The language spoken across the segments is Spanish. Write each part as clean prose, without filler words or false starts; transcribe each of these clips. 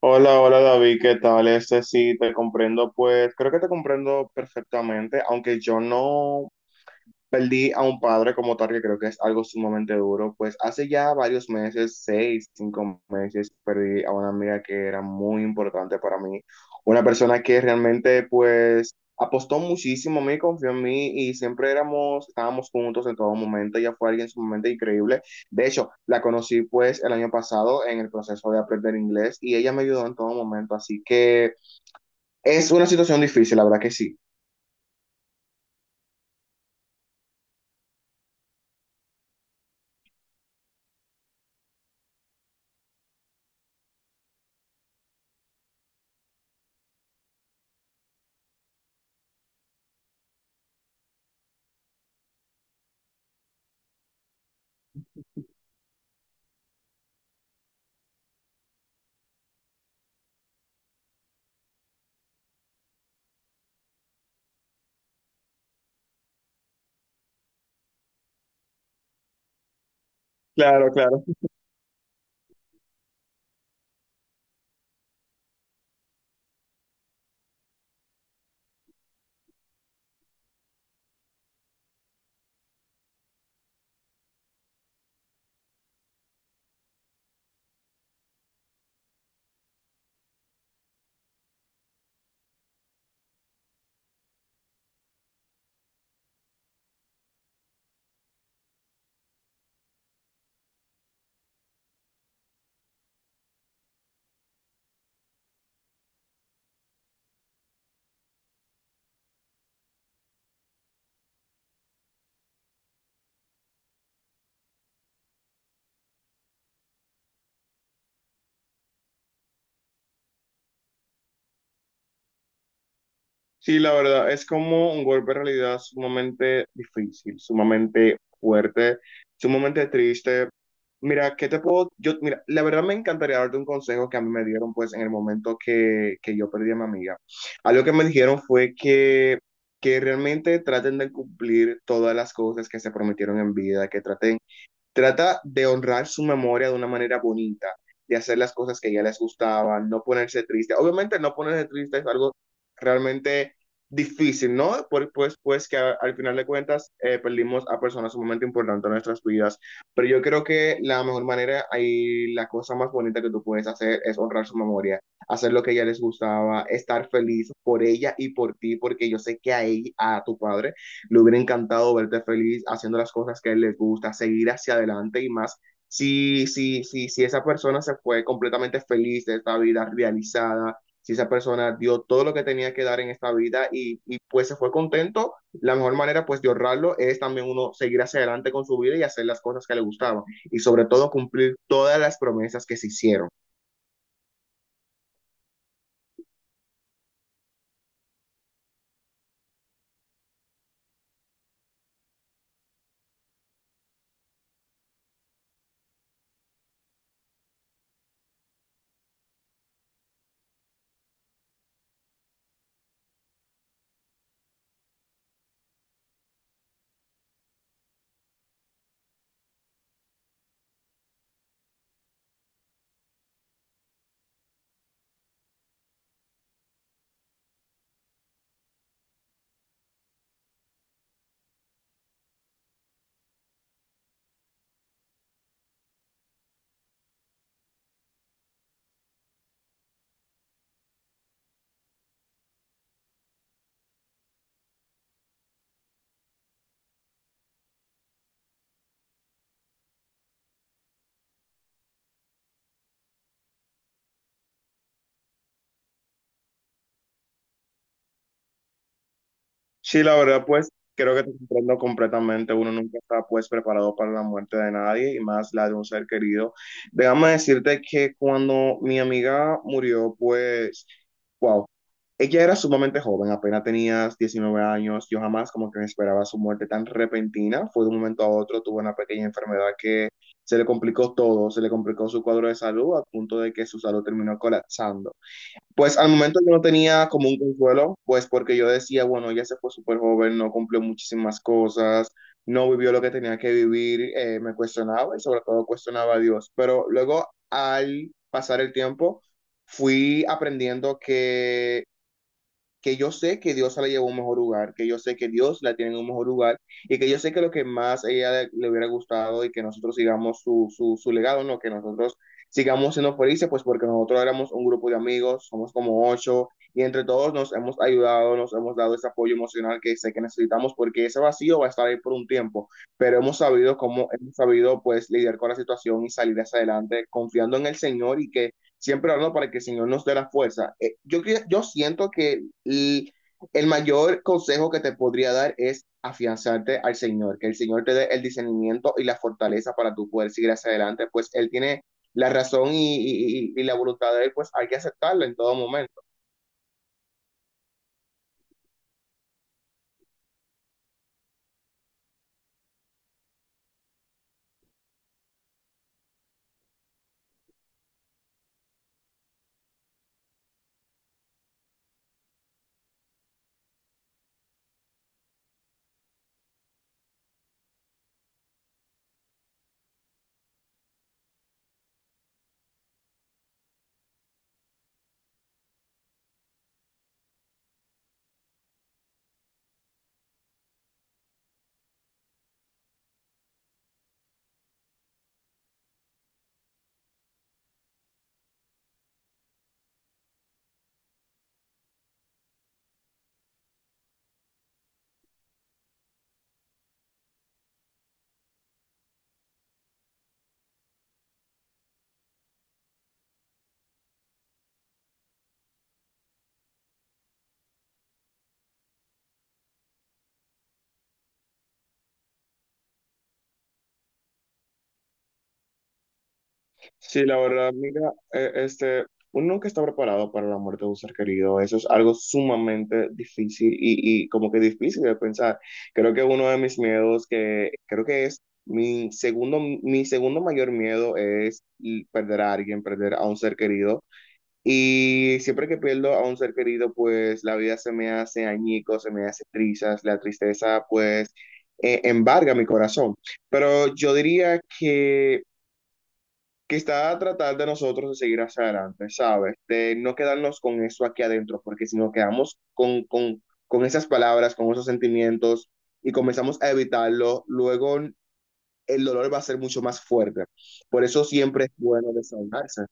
Hola, hola David, ¿qué tal? Sí, te comprendo, pues creo que te comprendo perfectamente, aunque yo no, perdí a un padre como tal, que creo que es algo sumamente duro. Pues hace ya varios meses, seis, cinco meses, perdí a una amiga que era muy importante para mí. Una persona que realmente, pues, apostó muchísimo a mí, confió en mí y siempre estábamos juntos en todo momento. Ella fue alguien sumamente increíble. De hecho, la conocí, pues, el año pasado en el proceso de aprender inglés y ella me ayudó en todo momento. Así que es una situación difícil, la verdad que sí. Claro, claro. Sí, la verdad, es como un golpe de realidad sumamente difícil, sumamente fuerte, sumamente triste. Mira, ¿qué te puedo? Yo, mira, la verdad me encantaría darte un consejo que a mí me dieron pues en el momento que yo perdí a mi amiga. Algo que me dijeron fue que realmente traten de cumplir todas las cosas que se prometieron en vida, que traten trata de honrar su memoria de una manera bonita, de hacer las cosas que ya les gustaban, no ponerse triste. Obviamente no ponerse triste es algo realmente difícil, ¿no? Pues que al final de cuentas perdimos a personas sumamente importantes en nuestras vidas. Pero yo creo que la mejor manera y la cosa más bonita que tú puedes hacer es honrar su memoria, hacer lo que a ella les gustaba, estar feliz por ella y por ti, porque yo sé que a ella, a tu padre, le hubiera encantado verte feliz haciendo las cosas que a él le gusta, seguir hacia adelante y más. Si esa persona se fue completamente feliz de esta vida realizada, si esa persona dio todo lo que tenía que dar en esta vida pues se fue contento, la mejor manera pues de ahorrarlo es también uno seguir hacia adelante con su vida y hacer las cosas que le gustaban y sobre todo cumplir todas las promesas que se hicieron. Sí, la verdad, pues creo que te comprendo completamente. Uno nunca está pues preparado para la muerte de nadie y más la de un ser querido. Déjame decirte que cuando mi amiga murió, pues ella era sumamente joven, apenas tenía 19 años. Yo jamás como que me esperaba su muerte tan repentina. Fue de un momento a otro, tuvo una pequeña enfermedad que se le complicó todo, se le complicó su cuadro de salud a punto de que su salud terminó colapsando. Pues al momento yo no tenía como un consuelo, pues porque yo decía, bueno, ella se fue súper joven, no cumplió muchísimas cosas, no vivió lo que tenía que vivir, me cuestionaba y sobre todo cuestionaba a Dios. Pero luego al pasar el tiempo, fui aprendiendo que yo sé que Dios la llevó a un mejor lugar, que yo sé que Dios la tiene en un mejor lugar y que yo sé que lo que más a ella le hubiera gustado y que nosotros sigamos su legado, ¿no? Que nosotros sigamos siendo felices, pues porque nosotros éramos un grupo de amigos, somos como ocho y entre todos nos hemos ayudado, nos hemos dado ese apoyo emocional que sé que necesitamos porque ese vacío va a estar ahí por un tiempo, pero hemos sabido pues lidiar con la situación y salir hacia adelante confiando en el Señor y que siempre hablando para que el Señor nos dé la fuerza. Yo siento que y el mayor consejo que te podría dar es afianzarte al Señor, que el Señor te dé el discernimiento y la fortaleza para tú poder seguir hacia adelante, pues Él tiene la razón y la voluntad de Él, pues hay que aceptarla en todo momento. Sí, la verdad, mira, uno nunca está preparado para la muerte de un ser querido. Eso es algo sumamente difícil y como que difícil de pensar. Creo que uno de mis miedos, que creo que es mi segundo mayor miedo es y perder a alguien, perder a un ser querido. Y siempre que pierdo a un ser querido, pues la vida se me hace añico, se me hace trizas, la tristeza pues embarga mi corazón. Pero yo diría que quizá tratar de nosotros de seguir hacia adelante, ¿sabes? De no quedarnos con eso aquí adentro, porque si nos quedamos con esas palabras, con esos sentimientos y comenzamos a evitarlo, luego el dolor va a ser mucho más fuerte. Por eso siempre es bueno desahogarse.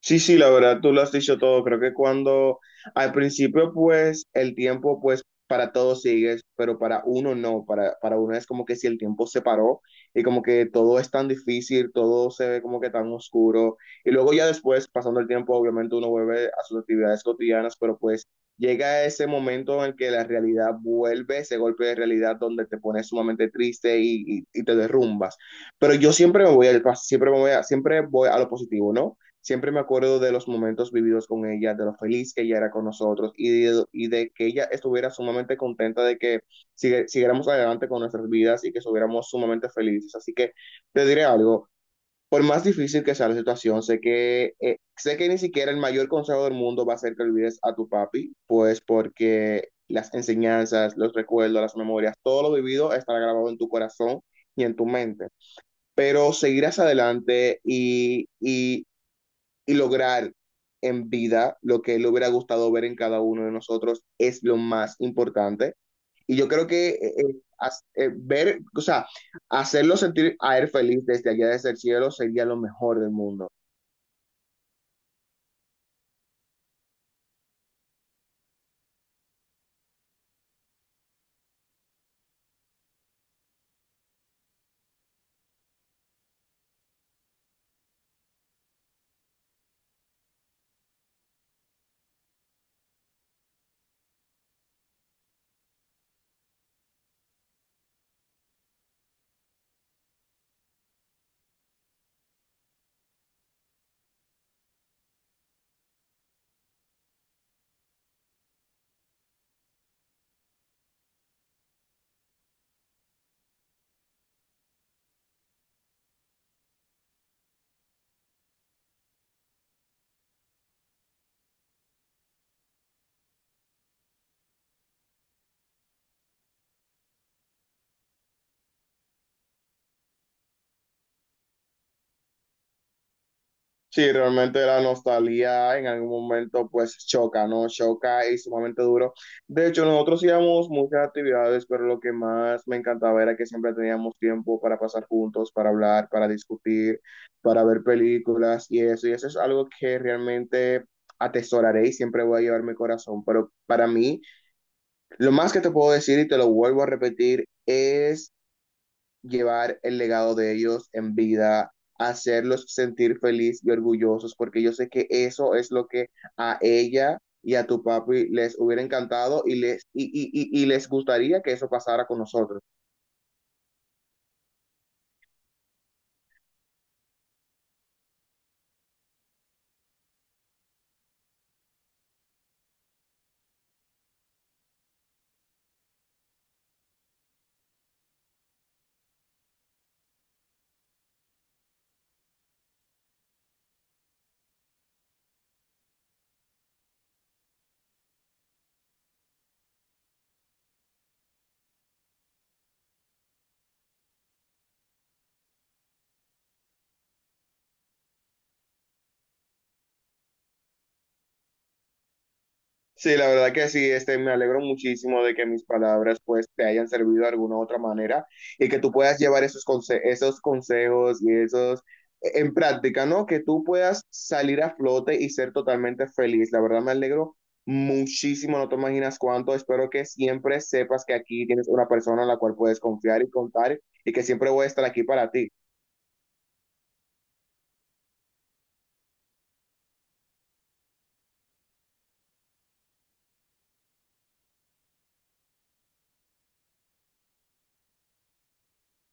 Sí, sí, la verdad, tú lo has dicho todo. Creo que cuando al principio, pues, el tiempo, pues, para todos sigues, pero para uno no. Para uno es como que si el tiempo se paró y como que todo es tan difícil, todo se ve como que tan oscuro. Y luego ya después, pasando el tiempo, obviamente uno vuelve a sus actividades cotidianas, pero pues llega ese momento en el que la realidad vuelve, ese golpe de realidad donde te pones sumamente triste y te derrumbas. Pero yo siempre voy a lo positivo, ¿no? Siempre me acuerdo de los momentos vividos con ella, de lo feliz que ella era con nosotros y de que ella estuviera sumamente contenta de que siguiéramos adelante con nuestras vidas y que estuviéramos sumamente felices. Así que te diré algo, por más difícil que sea la situación, sé que ni siquiera el mayor consejo del mundo va a ser que olvides a tu papi, pues porque las enseñanzas, los recuerdos, las memorias, todo lo vivido estará grabado en tu corazón y en tu mente pero seguirás adelante y lograr en vida lo que le hubiera gustado ver en cada uno de nosotros es lo más importante. Y yo creo que ver, o sea, hacerlo sentir a él feliz desde allá desde el cielo sería lo mejor del mundo. Sí, realmente la nostalgia en algún momento pues choca, ¿no? Choca y sumamente duro. De hecho, nosotros hacíamos muchas actividades, pero lo que más me encantaba era que siempre teníamos tiempo para pasar juntos, para hablar, para discutir, para ver películas y eso. Y eso es algo que realmente atesoraré y siempre voy a llevar mi corazón. Pero para mí, lo más que te puedo decir y te lo vuelvo a repetir es llevar el legado de ellos en vida, hacerlos sentir feliz y orgullosos, porque yo sé que eso es lo que a ella y a tu papi les hubiera encantado y les gustaría que eso pasara con nosotros. Sí, la verdad que sí, me alegro muchísimo de que mis palabras pues te hayan servido de alguna u otra manera y que tú puedas llevar esos consejos y en práctica, ¿no? Que tú puedas salir a flote y ser totalmente feliz. La verdad me alegro muchísimo, no te imaginas cuánto. Espero que siempre sepas que aquí tienes una persona en la cual puedes confiar y contar y que siempre voy a estar aquí para ti.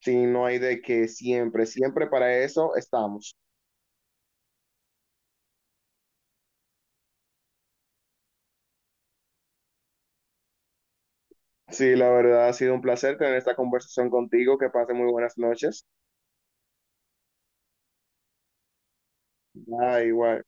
Si no hay de que siempre, siempre para eso estamos. Sí, la verdad ha sido un placer tener esta conversación contigo. Que pase muy buenas noches. Bye, igual.